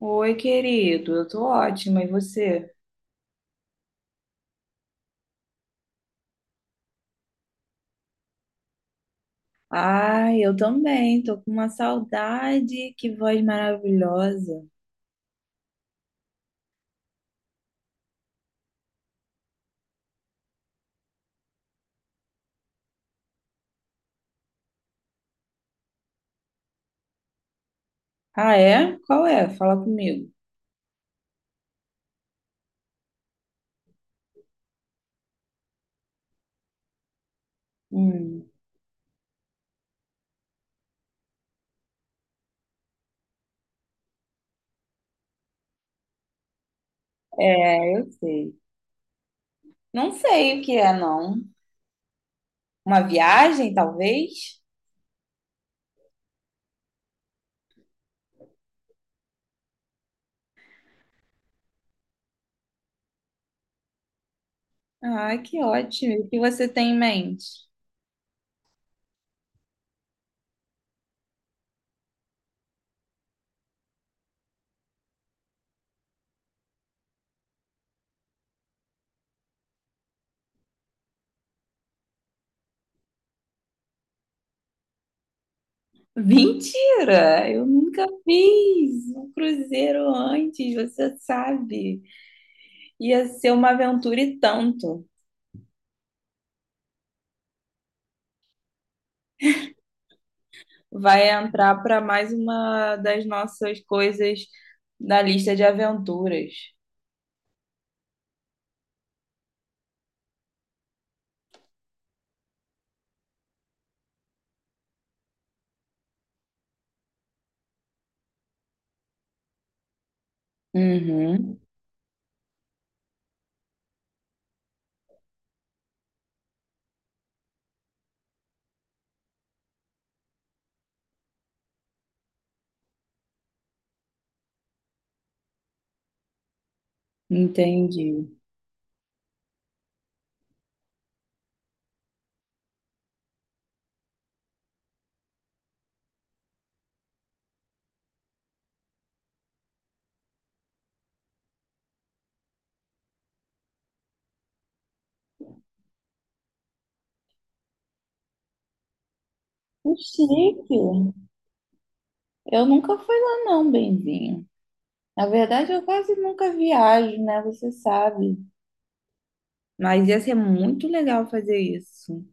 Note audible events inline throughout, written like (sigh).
Oi, querido, eu tô ótima, e você? Ai, eu também, tô com uma saudade, que voz maravilhosa. Ah, é? Qual é? Fala comigo. Hum, é, eu sei. Não sei o que é, não. Uma viagem, talvez? Ah, que ótimo. E o que você tem em mente? Mentira! Eu nunca fiz um cruzeiro antes, você sabe. Ia ser uma aventura e tanto. Vai entrar para mais uma das nossas coisas da lista de aventuras. Uhum, entendi. Que chique. Eu nunca fui lá não, benzinho. Na verdade, eu quase nunca viajo, né? Você sabe. Mas ia ser muito legal fazer isso.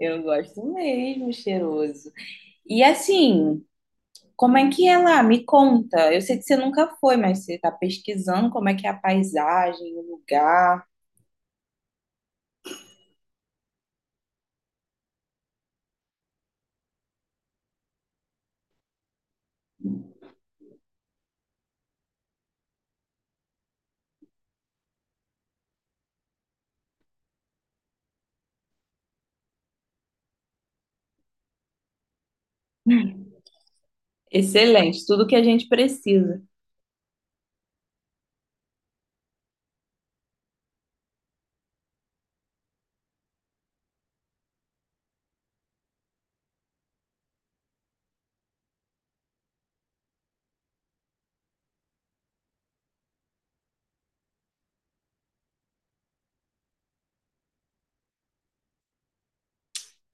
Eu gosto mesmo, cheiroso. E assim, como é que é lá? Me conta. Eu sei que você nunca foi, mas você está pesquisando como é que é a paisagem, o lugar. Excelente, tudo que a gente precisa.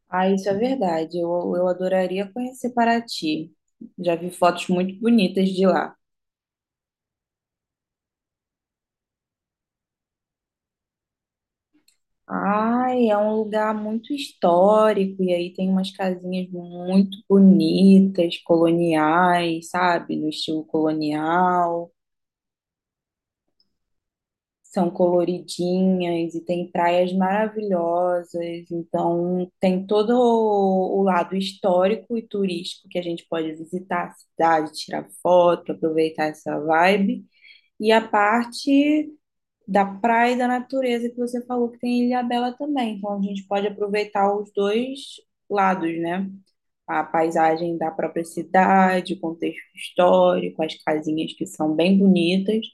Ah, isso é verdade. Eu adoraria conhecer Paraty. Já vi fotos muito bonitas de lá. Ai, é um lugar muito histórico e aí tem umas casinhas muito bonitas, coloniais, sabe? No estilo colonial. São coloridinhas e tem praias maravilhosas, então tem todo o lado histórico e turístico que a gente pode visitar a cidade, tirar foto, aproveitar essa vibe, e a parte da praia e da natureza que você falou que tem em Ilhabela também, então a gente pode aproveitar os dois lados, né? A paisagem da própria cidade, o contexto histórico, as casinhas que são bem bonitas,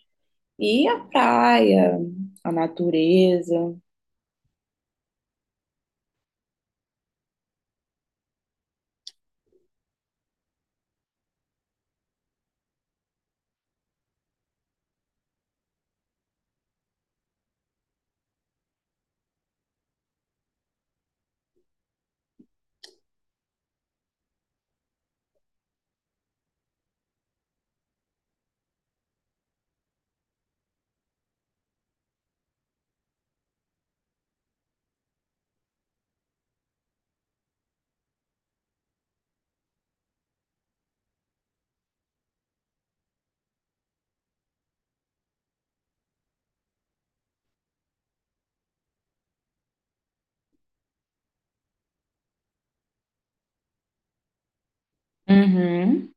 e a praia, a natureza. Uhum.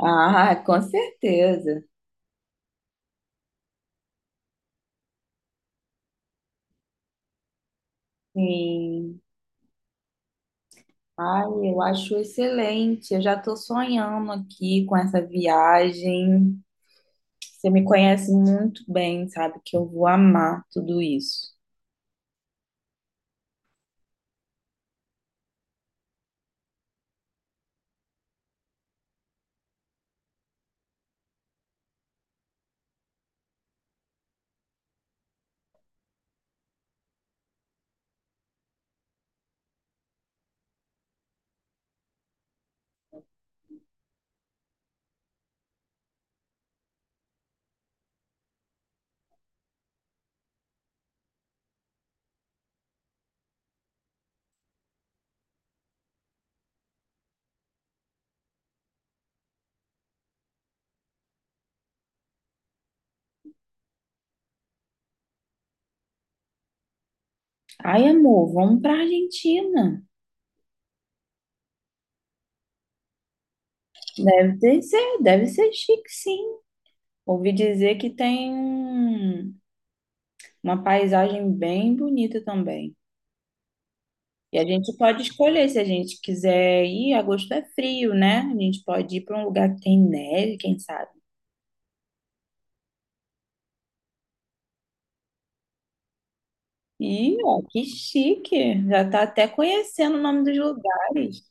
Ah, (laughs) com certeza. Sim. Ai, eu acho excelente. Eu já estou sonhando aqui com essa viagem. Você me conhece muito bem, sabe que eu vou amar tudo isso. Ai, amor, vamos para Argentina. Deve ter ser, deve ser chique, sim. Ouvi dizer que tem um- uma paisagem bem bonita também. E a gente pode escolher se a gente quiser ir. Agosto é frio, né? A gente pode ir para um lugar que tem neve, quem sabe. Ih, ó, que chique! Já tá até conhecendo o nome dos lugares.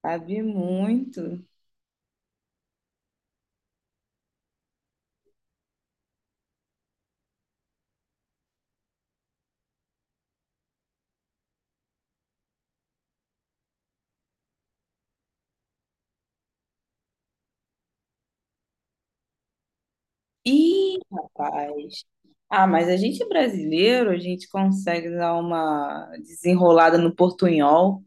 Sabe muito. Ih, rapaz. Ah, mas a gente é brasileiro, a gente consegue dar uma desenrolada no portunhol.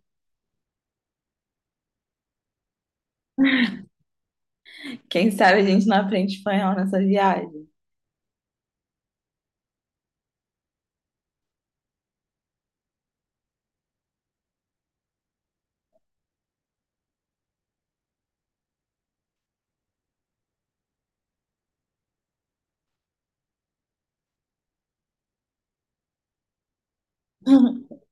Quem sabe a gente não aprende espanhol nessa viagem. (laughs)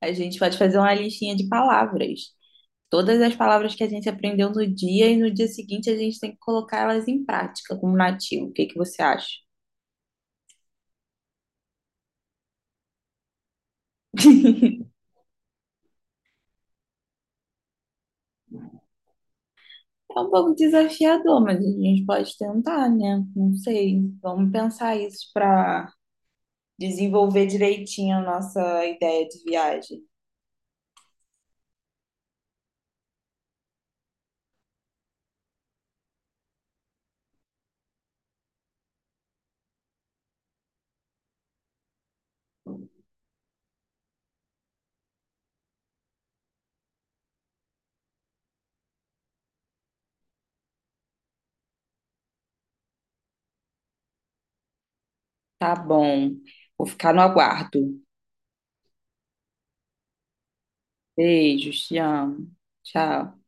A gente pode fazer uma listinha de palavras. Todas as palavras que a gente aprendeu no dia e no dia seguinte a gente tem que colocar elas em prática como nativo. O que que você acha? É um pouco desafiador, mas a gente pode tentar, né? Não sei. Vamos pensar isso para desenvolver direitinho a nossa ideia de viagem. Tá bom. Vou ficar no aguardo. Beijos, te amo. Tchau.